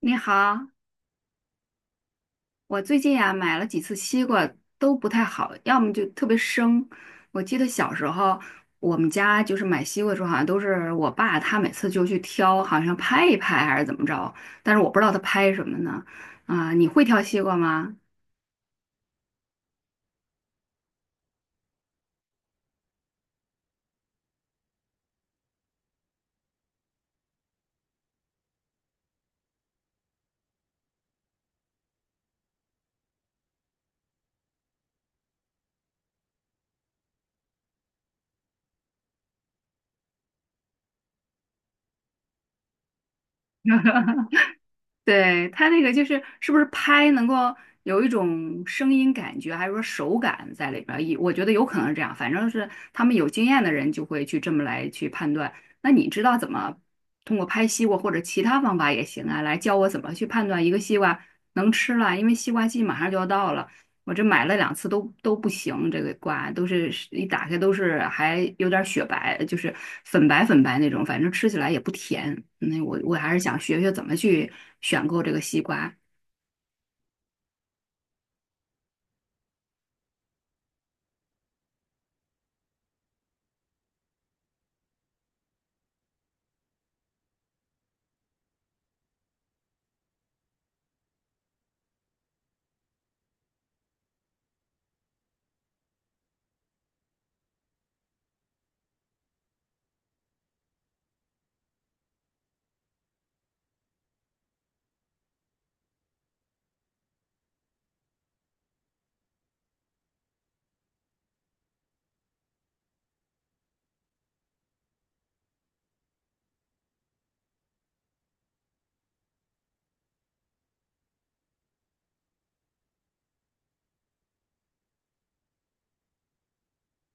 你好，我最近呀、买了几次西瓜都不太好，要么就特别生。我记得小时候我们家就是买西瓜的时候，好像都是我爸他每次就去挑，好像拍一拍还是怎么着，但是我不知道他拍什么呢。啊、你会挑西瓜吗？对，他那个就是是不是拍能够有一种声音感觉，还是说手感在里边儿？也我觉得有可能是这样，反正是他们有经验的人就会去这么来去判断。那你知道怎么通过拍西瓜或者其他方法也行啊，来教我怎么去判断一个西瓜能吃了，因为西瓜季马上就要到了。我这买了两次都不行，这个瓜都是一打开都是还有点雪白，就是粉白粉白那种，反正吃起来也不甜。那我还是想学学怎么去选购这个西瓜。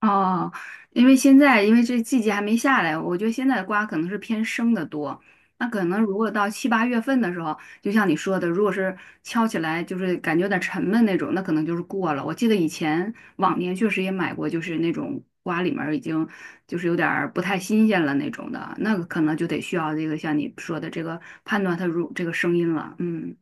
哦，因为现在因为这季节还没下来，我觉得现在的瓜可能是偏生的多。那可能如果到七八月份的时候，就像你说的，如果是敲起来就是感觉有点沉闷那种，那可能就是过了。我记得以前往年确实也买过，就是那种瓜里面儿已经就是有点儿不太新鲜了那种的，那个可能就得需要这个像你说的这个判断它如这个声音了。嗯。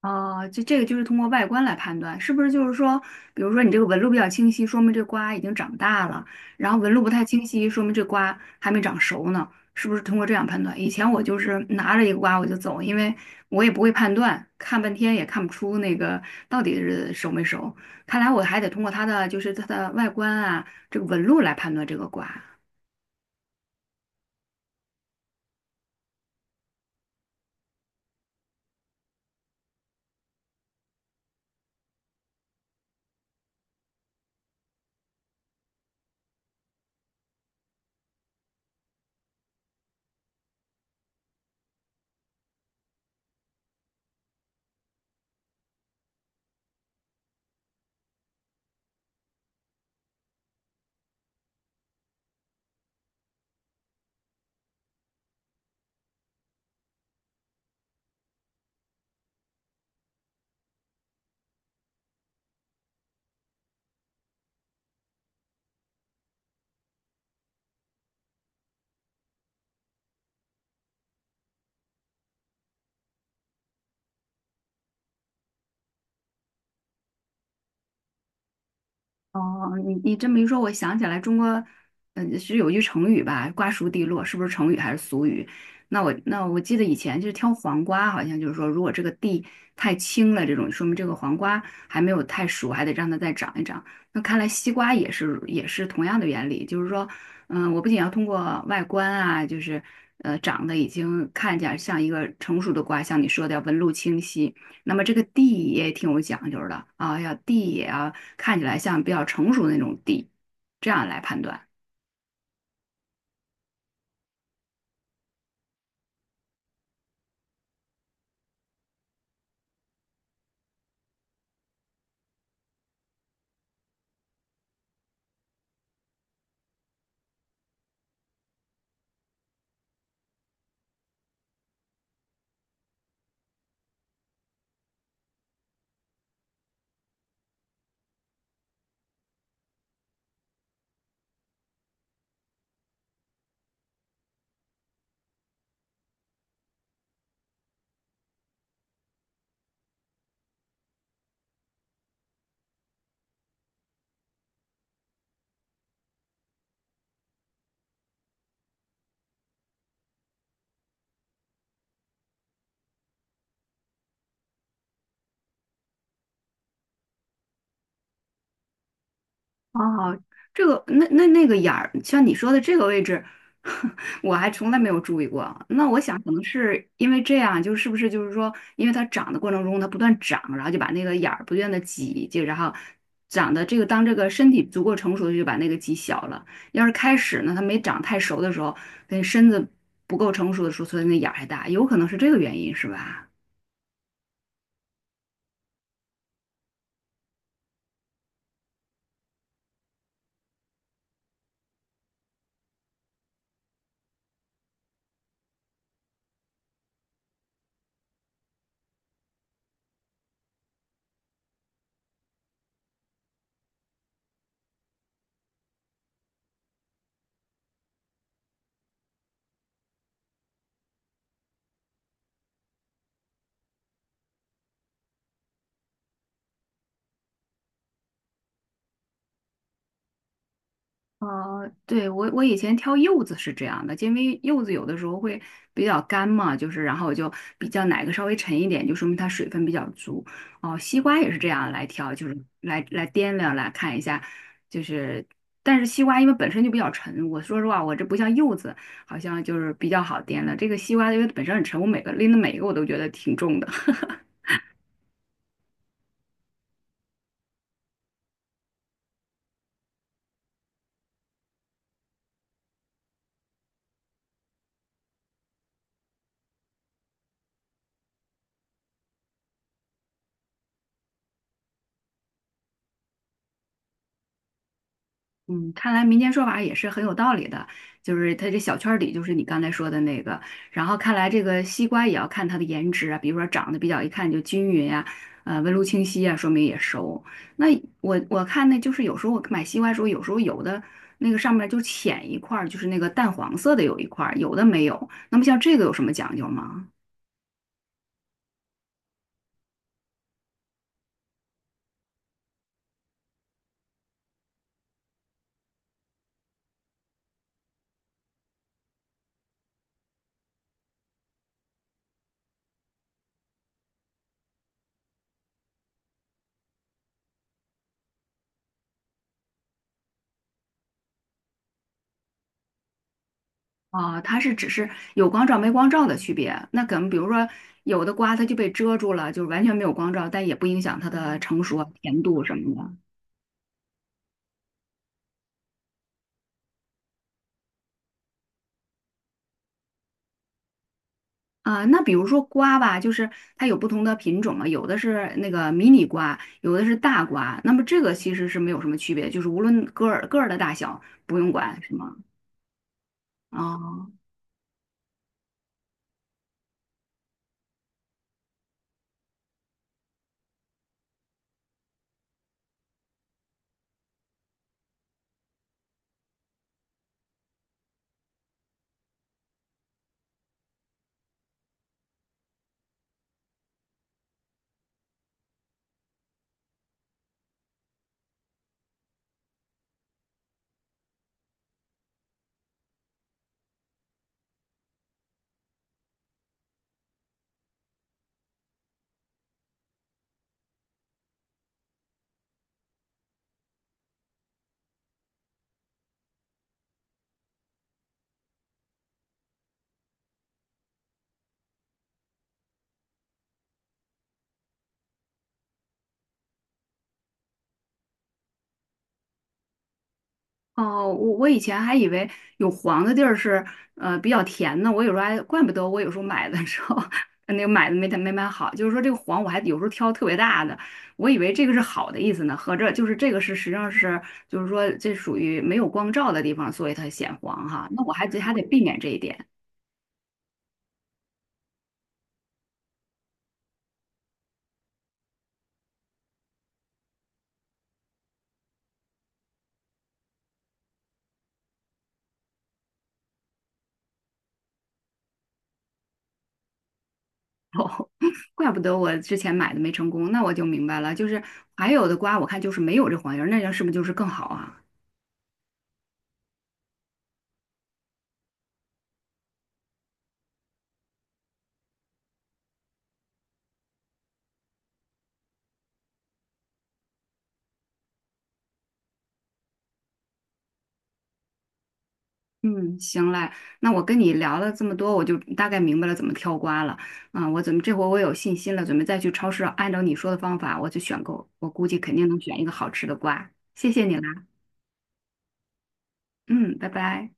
哦，就这个就是通过外观来判断，是不是就是说，比如说你这个纹路比较清晰，说明这瓜已经长大了；然后纹路不太清晰，说明这瓜还没长熟呢，是不是通过这样判断？以前我就是拿着一个瓜我就走，因为我也不会判断，看半天也看不出那个到底是熟没熟。看来我还得通过它的就是它的外观啊，这个纹路来判断这个瓜。哦，你你这么一说，我想起来中国，嗯，是有句成语吧，“瓜熟蒂落”，是不是成语还是俗语？那我记得以前就是挑黄瓜，好像就是说，如果这个蒂太青了，这种说明这个黄瓜还没有太熟，还得让它再长一长。那看来西瓜也是同样的原理，就是说，嗯，我不仅要通过外观啊，就是长得已经看起来像一个成熟的瓜，像你说的要纹路清晰，那么这个蒂也挺有讲究的啊，要蒂也要。看起来像比较成熟的那种地，这样来判断。哦，这个那那那个眼儿，像你说的这个位置，我还从来没有注意过。那我想可能是因为这样，就是不是就是说，因为它长的过程中它不断长，然后就把那个眼儿不断的挤，就然后长的这个当这个身体足够成熟，就把那个挤小了。要是开始呢，它没长太熟的时候，那身子不够成熟的时候，所以那眼儿还大，有可能是这个原因，是吧？哦，对，我以前挑柚子是这样的，因为柚子有的时候会比较干嘛，就是然后我就比较哪个稍微沉一点，就说明它水分比较足。哦，西瓜也是这样来挑，就是来掂量来看一下，就是但是西瓜因为本身就比较沉，我说实话，我这不像柚子，好像就是比较好掂量。这个西瓜因为本身很沉，我每个拎的每一个我都觉得挺重的。嗯，看来民间说法也是很有道理的，就是它这小圈儿里就是你刚才说的那个，然后看来这个西瓜也要看它的颜值啊，比如说长得比较一看就均匀呀、纹路清晰啊，说明也熟。那我看那就是有时候我买西瓜的时候，有时候有的那个上面就浅一块儿，就是那个淡黄色的有一块儿，有的没有。那么像这个有什么讲究吗？啊，它是只是有光照没光照的区别。那可能比如说有的瓜它就被遮住了，就是完全没有光照，但也不影响它的成熟啊甜度什么的。啊，那比如说瓜吧，就是它有不同的品种嘛，有的是那个迷你瓜，有的是大瓜。那么这个其实是没有什么区别，就是无论个儿个儿的大小不用管，是吗？哦，哦，我以前还以为有黄的地儿是比较甜呢。我有时候还怪不得我有时候买的时候 那个买的没买好，就是说这个黄我还有时候挑特别大的，我以为这个是好的意思呢，合着就是这个是实际上是就是说这属于没有光照的地方，所以它显黄哈，那我还得避免这一点。哦，怪不得我之前买的没成功，那我就明白了，就是还有的瓜我看就是没有这黄叶儿，那样是不是就是更好啊？嗯，行嘞，那我跟你聊了这么多，我就大概明白了怎么挑瓜了。啊。我怎么这回我有信心了，准备再去超市按照你说的方法我去选购，我估计肯定能选一个好吃的瓜。谢谢你啦，嗯，拜拜。